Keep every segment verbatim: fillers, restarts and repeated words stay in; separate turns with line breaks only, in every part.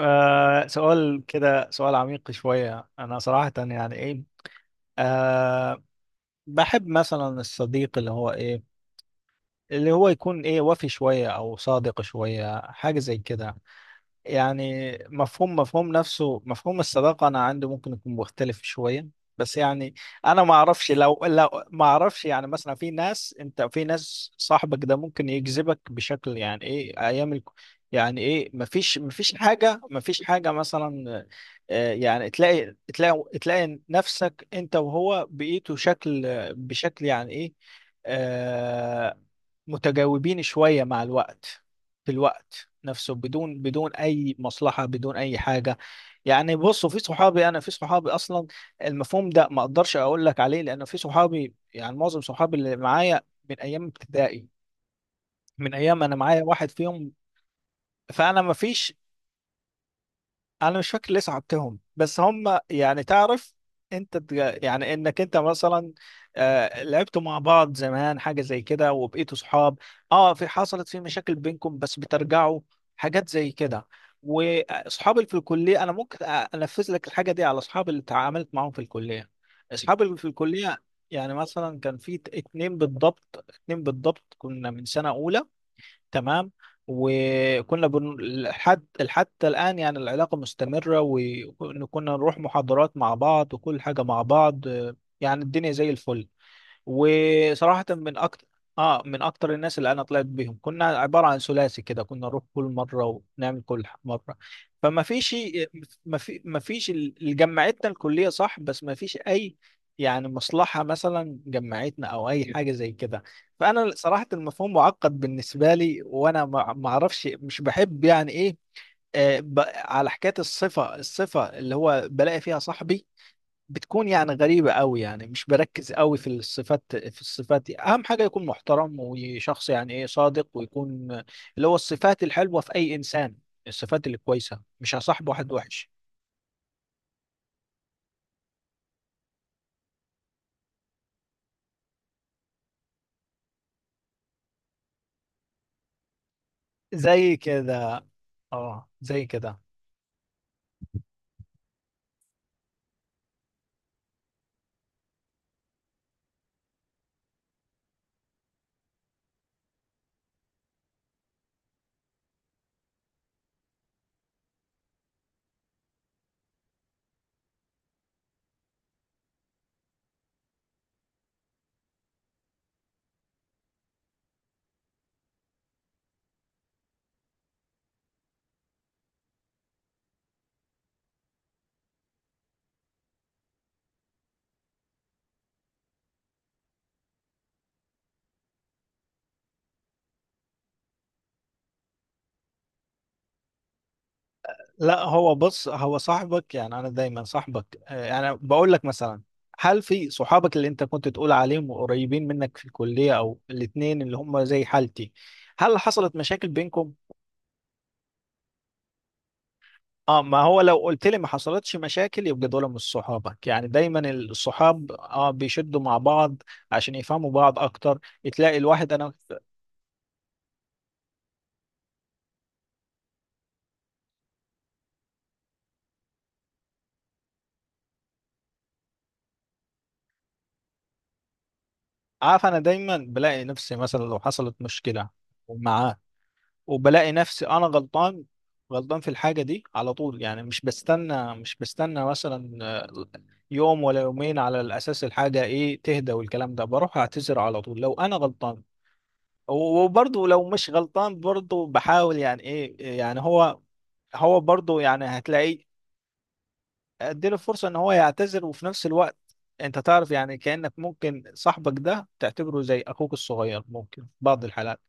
آه سؤال كده، سؤال عميق شوية. أنا صراحة يعني إيه. آه بحب مثلا الصديق اللي هو إيه اللي هو يكون إيه، وفي شوية أو صادق شوية، حاجة زي كده. يعني مفهوم مفهوم نفسه، مفهوم الصداقة أنا عندي ممكن يكون مختلف شوية. بس يعني أنا ما أعرفش، لو لو ما أعرفش، يعني مثلا في ناس أنت في ناس صاحبك ده ممكن يجذبك بشكل يعني إيه أيام الك... يعني إيه، مفيش مفيش حاجة مفيش حاجة مثلا. آه، يعني تلاقي تلاقي تلاقي نفسك أنت وهو بقيتوا شكل بشكل يعني إيه، آه، متجاوبين شوية مع الوقت، في الوقت نفسه، بدون بدون أي مصلحة، بدون أي حاجة. يعني بصوا، في صحابي أنا في صحابي أصلا المفهوم ده ما أقدرش أقول لك عليه، لأن في صحابي، يعني معظم صحابي اللي معايا من أيام ابتدائي، من أيام، أنا معايا واحد فيهم. فأنا ما فيش، انا مش فاكر ليه صعبتهم، بس هم يعني تعرف، انت تج- يعني انك انت مثلا، آه، لعبتوا مع بعض زمان، حاجه زي كده، وبقيتوا صحاب. اه، في، حصلت في مشاكل بينكم بس بترجعوا، حاجات زي كده. واصحابي اللي في الكليه، انا ممكن أ- انفذ لك الحاجه دي على اصحابي اللي تعاملت معاهم في الكليه، اصحابي اللي في الكليه. يعني مثلا كان في ت- اتنين بالضبط، اتنين بالضبط كنا من سنه اولى، تمام. وكنا بن... لحد حتى الآن يعني العلاقة مستمرة، وكنا نروح محاضرات مع بعض، وكل حاجة مع بعض، يعني الدنيا زي الفل. وصراحة من أكتر، آه، من أكتر الناس اللي أنا طلعت بيهم، كنا عبارة عن ثلاثي كده، كنا نروح كل مرة ونعمل كل ح- مرة. فما فيش، ما في ما فيش ال- اللي جمعتنا الكلية صح، بس ما فيش أي يعني مصلحة مثلا جمعتنا أو أي حاجة زي كده. فأنا صراحة المفهوم معقد بالنسبة لي، وأنا ما ما أعرفش، مش بحب يعني إيه، آه، ب- على حكاية الصفة، الصفة اللي هو بلاقي فيها صاحبي، بتكون يعني غريبة قوي. يعني مش بركز قوي في الصفات في الصفات دي. أهم حاجة يكون محترم وشخص يعني إيه صادق، ويكون اللي هو الصفات الحلوة في أي إنسان، الصفات اللي كويسة. مش هصاحب واحد وحش زي كده. اه زي كده. لا هو بص، هو صاحبك، يعني أنا دايما صاحبك، آه، يعني بقول لك مثلا، هل في صحابك اللي أنت كنت تقول عليهم قريبين منك في الكلية، أو الاتنين اللي هم زي حالتي، هل حصلت مشاكل بينكم؟ اه، ما هو لو قلت لي ما حصلتش مشاكل يبقى دول مش صحابك. يعني دايما الصحاب اه بيشدوا مع بعض عشان يفهموا بعض اكتر. تلاقي الواحد، انا عارف، انا دايما بلاقي نفسي مثلا لو حصلت مشكلة معاه، وبلاقي نفسي انا غلطان، غلطان في الحاجة دي على طول، يعني مش بستنى مش بستنى مثلا، آه، يوم ولا يومين على الاساس الحاجة ايه تهدى والكلام ده، بروح اعتذر على طول لو انا غلطان. وبرضه لو مش غلطان، برضه بحاول يعني ايه، يعني هو، هو برضه يعني هتلاقيه، اديله فرصة ان هو يعتذر، وفي نفس الوقت انت تعرف يعني كأنك ممكن صاحبك ده تعتبره زي اخوك الصغير ممكن في بعض الحالات.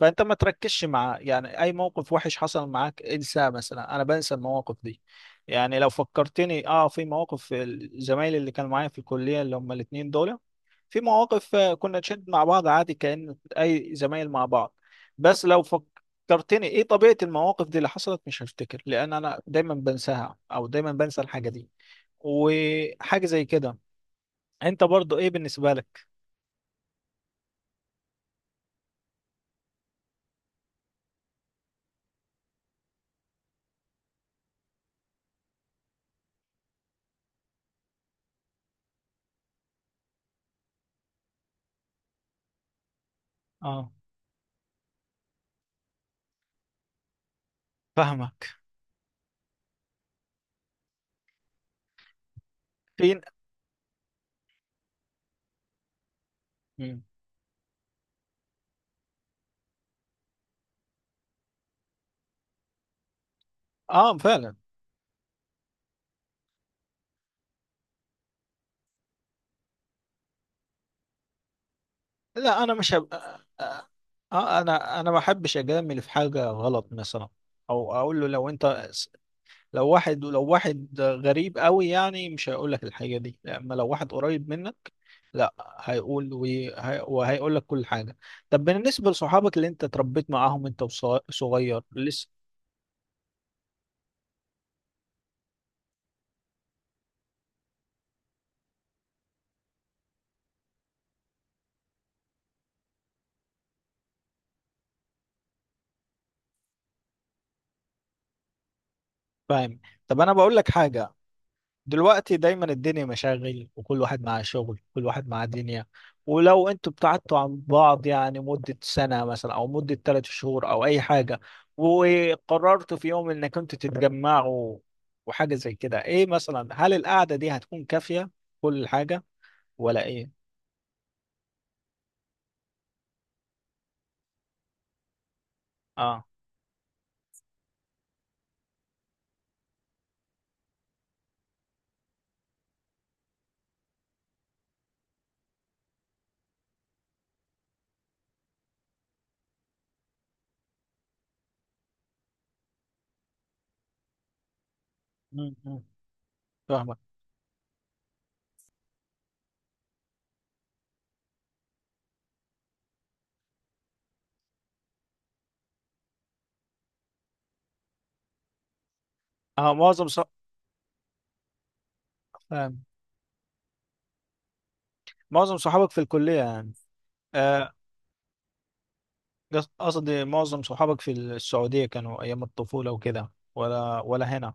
فانت ما تركزش معاه يعني، اي موقف وحش حصل معاك انساه. مثلا انا بنسى المواقف دي. يعني لو فكرتني اه في مواقف الزمايل اللي كانوا معايا في الكلية اللي هم الاتنين دول، في مواقف، آه، كنا نشد مع بعض عادي كأن اي زمايل مع بعض. بس لو فك... فكرتني ايه طبيعة المواقف دي اللي حصلت مش هفتكر، لان انا دايما بنساها، او دايما بنسى الحاجة دي وحاجة زي كده. انت برضو ايه بالنسبة لك؟ اه فاهمك. فين؟ مم. اه فعلا. لا انا مش هب... آه. انا انا ما بحبش اجامل في حاجة غلط مثلا، او اقول له لو انت، لو واحد لو واحد غريب قوي يعني مش هيقول لك الحاجة دي، اما لو واحد قريب منك لا هيقول، وي- هي- وهيقول لك كل حاجة. طب بالنسبة لصحابك اللي انت اتربيت معاهم انت وصغير لسه، فاهم. طب انا بقول لك حاجة، دلوقتي دايما الدنيا مشاغل، وكل واحد معاه شغل، كل واحد معاه دنيا. ولو انتوا ابتعدتوا عن بعض يعني مدة سنة مثلا، او مدة ثلاث شهور، او اي حاجة، وقررتوا في يوم انك انتوا تتجمعوا وحاجة زي كده، ايه مثلا، هل القعدة دي هتكون كافية كل حاجة، ولا ايه؟ اه م. م. فاهمك. اه معظم صح... معظم صحابك في الكلية يعني، آه قص- قصدي معظم صحابك في السعودية كانوا ايام الطفولة وكده، ولا ولا هنا؟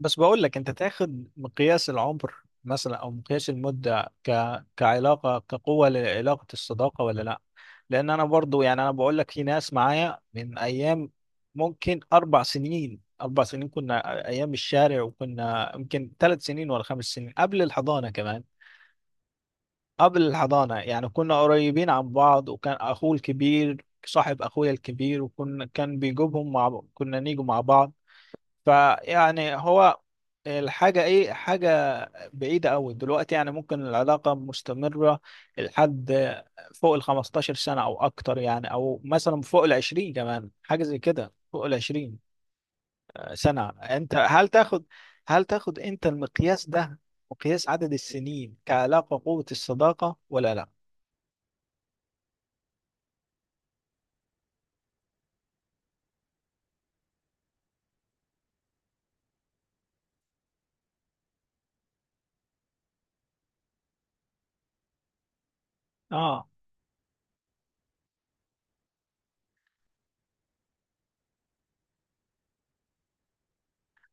بس بقول لك، انت تاخد مقياس العمر مثلا، او مقياس المدة ك... كعلاقة، كقوة لعلاقة الصداقة ولا لا؟ لان انا برضو، يعني انا بقول لك في ناس معايا من ايام، ممكن اربع سنين، اربع سنين كنا ايام الشارع، وكنا يمكن ثلاث سنين ولا خمس سنين قبل الحضانة كمان، قبل الحضانة، يعني كنا قريبين عن بعض، وكان اخوه الكبير صاحب اخويا الكبير، وكنا، كان بيجيبهم مع كنا نيجوا مع بعض. فيعني هو الحاجة إيه، حاجة بعيدة أوي دلوقتي. يعني ممكن العلاقة مستمرة لحد فوق ال خمستاشر سنة أو أكتر، يعني أو مثلا فوق ال عشرين كمان حاجة زي كده، فوق ال عشرين سنة. أنت هل تاخد، هل تاخد أنت المقياس ده، مقياس عدد السنين كعلاقة قوة الصداقة ولا لا؟ آه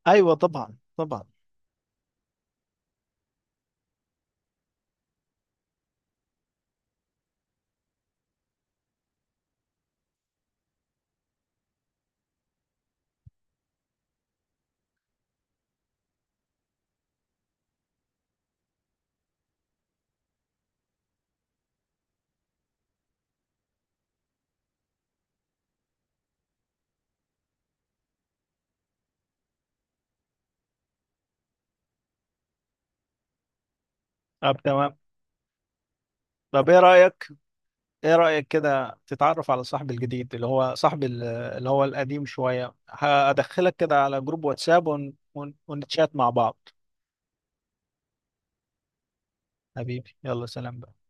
أيوه طبعا طبعا. طب تمام، طب إيه رأيك، ايه رأيك كده تتعرف على صاحب الجديد، اللي هو صاحب ال- اللي هو القديم شوية؟ هدخلك كده على جروب واتساب ون... ون... ونتشات مع بعض. حبيبي يلا سلام بقى.